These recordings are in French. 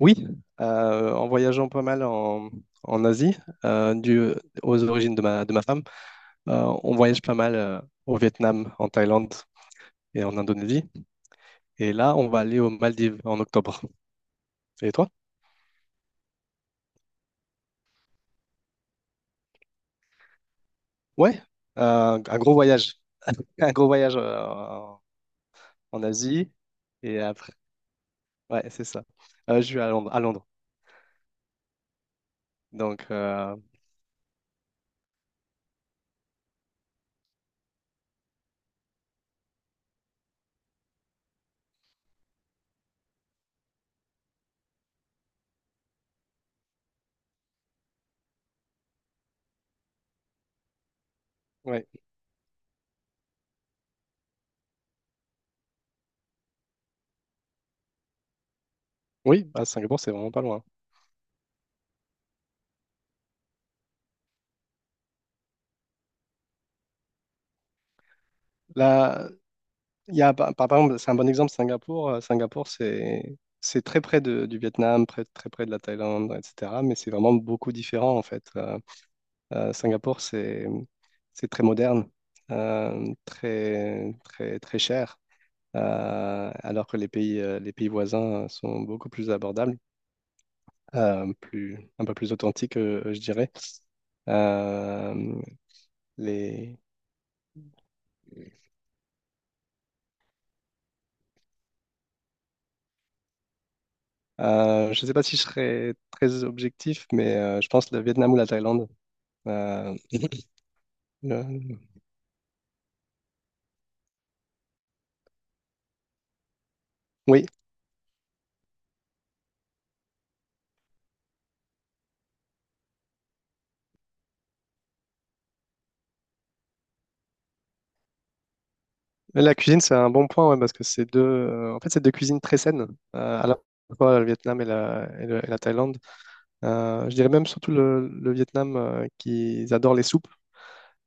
Oui, en voyageant pas mal en Asie, dû aux origines de ma femme, on voyage pas mal au Vietnam, en Thaïlande et en Indonésie. Et là, on va aller aux Maldives en octobre. Et toi? Ouais, un gros voyage. Un gros voyage en Asie. Et après, ouais, c'est ça. Je suis à Londres, à Londres. Donc, ouais. Oui, à Singapour, c'est vraiment pas loin. Là. Il y a, par, par- par exemple, c'est un bon exemple, Singapour. Singapour, c'est très près du Vietnam, très près de la Thaïlande, etc. Mais c'est vraiment beaucoup différent, en fait. Singapour, c'est très moderne, très, très, très cher, alors que les pays voisins sont beaucoup plus abordables, plus, un peu plus authentiques, je dirais. Euh, les, je ne sais pas si je serais très objectif, mais je pense le Vietnam ou la Thaïlande. Euh, le- Oui, la cuisine, c'est un bon point, ouais, parce que en fait, c'est deux cuisines très saines, à la fois le Vietnam et la Thaïlande. Je dirais même surtout le Vietnam, qu'ils adorent les soupes.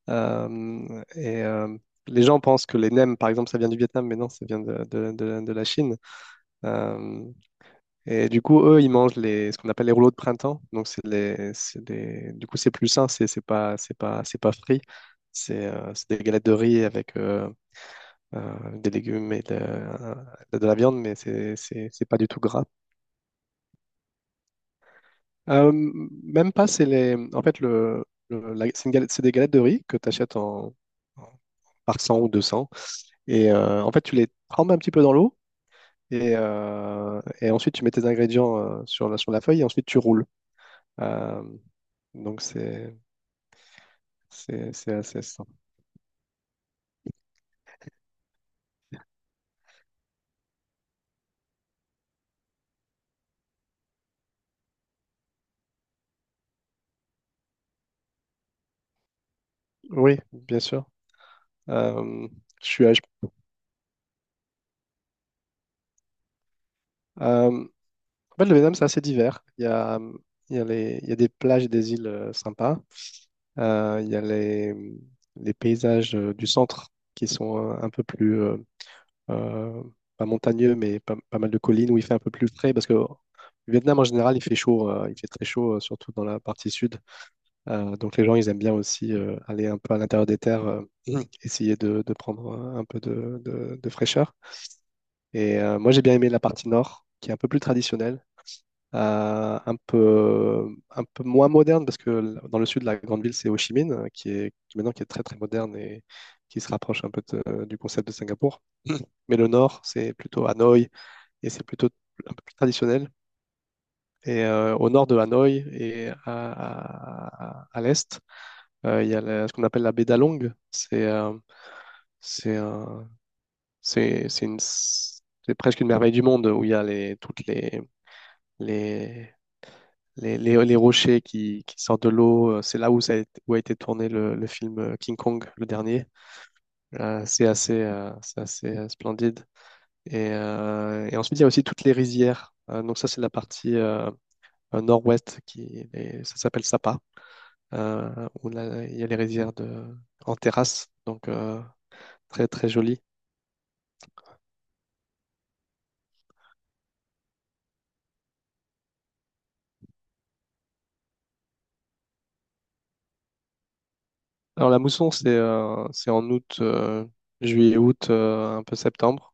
Euh, et euh, les gens pensent que les nems, par exemple, ça vient du Vietnam, mais non, ça vient de la Chine. Euh, et du coup, eux, ils mangent ce qu'on appelle les rouleaux de printemps. Donc, c'est les, c'est des- du coup, c'est plus sain, c'est pas frit. C'est des galettes de riz avec avec des légumes et de la viande, mais c'est pas du tout gras. Même pas, en fait, c'est des galettes de riz que tu achètes en- par 100 ou 200. Et en fait, tu les trempes un petit peu dans l'eau. Et ensuite, tu mets tes ingrédients, sur la feuille, et ensuite, tu roules. Euh, donc, c'est assez simple. Oui, bien sûr. Euh, je suis à- je- euh, En fait, le Vietnam, c'est assez divers. Il y a les- il y a des plages et des îles sympas. Il y a les paysages du centre qui sont euh, pas montagneux, mais pas mal de collines où il fait un peu plus frais, parce que le Vietnam en général, il fait chaud, il fait très chaud, surtout dans la partie sud. Donc les gens, ils aiment bien aussi, aller un peu à l'intérieur des terres, essayer de prendre, un peu de fraîcheur. Et moi, j'ai bien aimé la partie nord, qui est un peu plus traditionnelle, un peu moins moderne, parce que dans le sud, de la grande ville, c'est Ho Chi Minh, qui est qui maintenant qui est très très moderne et qui se rapproche un peu du concept de Singapour. Mais le nord, c'est plutôt Hanoï, et c'est plutôt un peu plus traditionnel. Et au nord de Hanoï et à l'est, il y a ce qu'on appelle la baie d'Along. C'est un- c'est une- C'est presque une merveille du monde où il y a les, toutes les les, les, les, les rochers qui sortent de l'eau. C'est là où a été tourné le film, King Kong, le dernier. C'est assez splendide. Et ensuite, il y a aussi toutes les rizières. Donc ça, c'est la partie nord-ouest, qui et ça s'appelle Sapa, où là, il y a les rizières en terrasse. Donc, très, très joli. Alors la mousson, c'est en août, juillet, août, un peu septembre.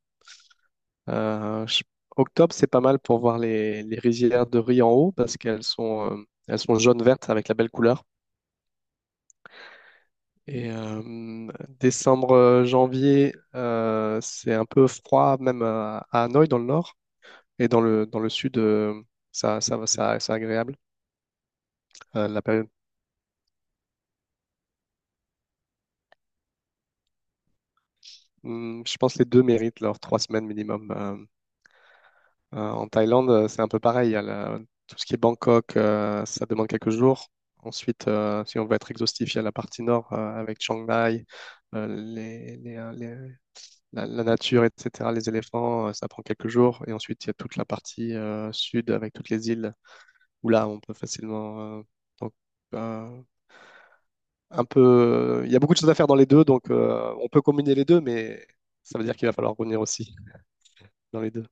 Euh, je- Octobre, c'est pas mal pour voir les rizières de riz en haut, parce qu'elles sont jaune vertes avec la belle couleur. Et décembre, janvier, c'est un peu froid, même à Hanoï dans le nord, et dans le sud, c'est agréable. Euh, la période, je pense que les deux méritent leurs 3 semaines minimum. En Thaïlande, c'est un peu pareil. Il y a tout ce qui est Bangkok, ça demande quelques jours. Ensuite, si on veut être exhaustif, il y a la partie nord, avec Chiang Mai, euh, les- les- euh, les- la nature, etc., les éléphants, ça prend quelques jours. Et ensuite, il y a toute la partie sud, avec toutes les îles où là, on peut facilement. Donc, euh, un peu. Il y a beaucoup de choses à faire dans les deux, donc on peut combiner les deux, mais ça veut dire qu'il va falloir revenir aussi dans les deux.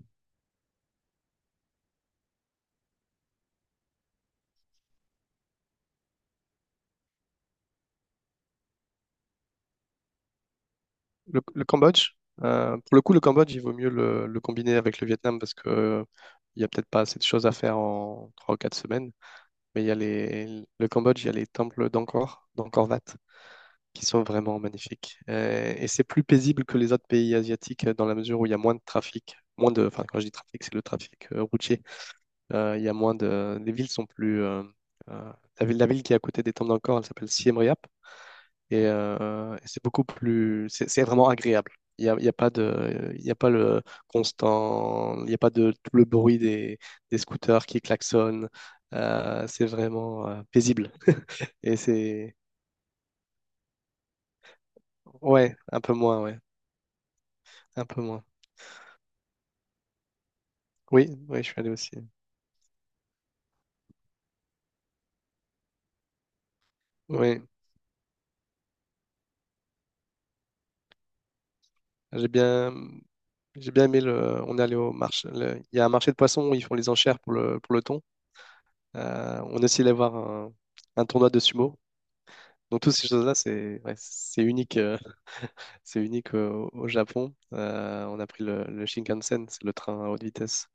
Le Cambodge, pour le coup, le Cambodge, il vaut mieux le combiner avec le Vietnam, parce que il y a peut-être pas assez de choses à faire en 3 ou 4 semaines. Mais il y a les, le Cambodge, il y a les temples d'Angkor, d'Angkor Wat, qui sont vraiment magnifiques. Et c'est plus paisible que les autres pays asiatiques, dans la mesure où il y a moins de trafic. Moins de, enfin, quand je dis trafic, c'est le trafic, routier. Il y a moins de, les villes sont plus. Euh, la ville, la ville qui est à côté des temples d'Angkor, elle s'appelle Siem Reap. Et c'est beaucoup plus, c'est vraiment agréable. Il n'y a, il y a pas de, il y a pas le constant, Il n'y a pas de tout le bruit des scooters qui klaxonnent. C'est vraiment paisible. Et c'est, ouais, un peu moins. Ouais, un peu moins. Oui, oui, je suis allé aussi. Oui, j'ai bien, j'ai bien aimé le. On est allé au marché. Il y a un marché de poissons où ils font les enchères pour le thon. On est aussi allé voir un tournoi de sumo. Donc toutes ces choses-là, c'est, ouais, c'est unique. C'est unique, au Japon. On a pris le Shinkansen, c'est le train à haute vitesse,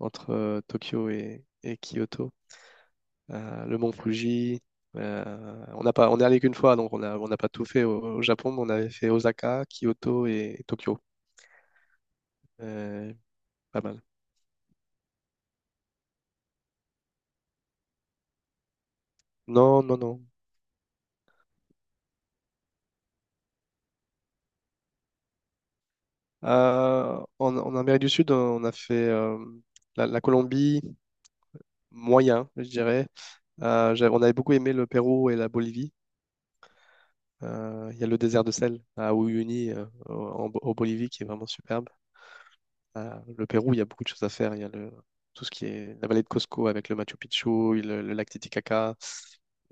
entre Tokyo et Kyoto. Le mont Fuji. On n'a pas, on est allé qu'une fois, donc on n'a pas tout fait au Japon, mais on avait fait Osaka, Kyoto et Tokyo. Euh, Pas mal. Non, non, non. En Amérique du Sud, on a fait, la Colombie, moyen, je dirais. On avait beaucoup aimé le Pérou et la Bolivie. Il y a le désert de sel à Uyuni, en au Bolivie, qui est vraiment superbe. Le Pérou, il y a beaucoup de choses à faire. Il y a le, Tout ce qui est la vallée de Cusco avec le Machu Picchu, le lac Titicaca,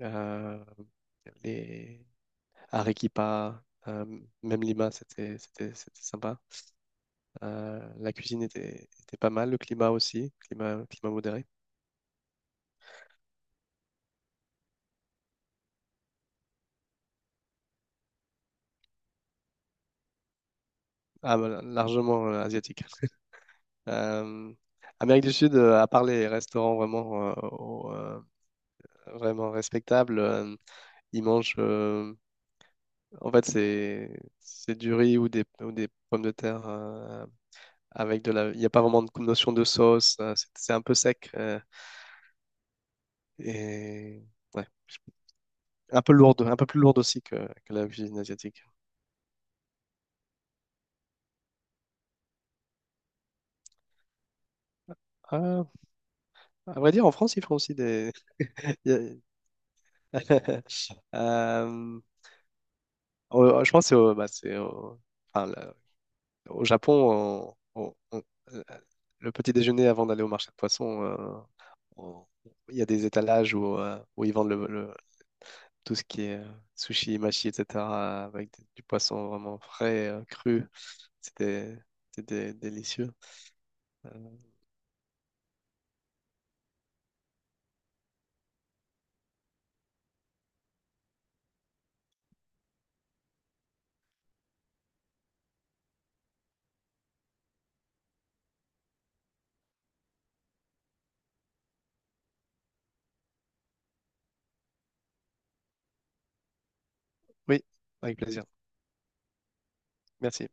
euh, les Arequipa, euh, même Lima, c'était sympa. La cuisine était pas mal, le climat aussi, climat modéré. Ah, voilà, largement asiatique. Euh, Amérique du Sud, à part les restaurants vraiment, vraiment respectables. Ils mangent. En fait, c'est du riz, ou des pommes de terre, avec de la. Il n'y a pas vraiment de notion de sauce. C'est un peu sec, et, ouais, un peu lourde, un peu plus lourde aussi que la cuisine asiatique. Ah, à vrai dire, en France, ils font aussi des. il y a- Euh, je pense que c'est au, bah, c'est au, enfin, là, au Japon, euh, le petit déjeuner avant d'aller au marché de poissons, on- il y a des étalages où, où ils vendent tout ce qui est sushi, machi, etc., avec du poisson vraiment frais, cru. C'était c'était délicieux. Euh, oui, avec plaisir. Merci.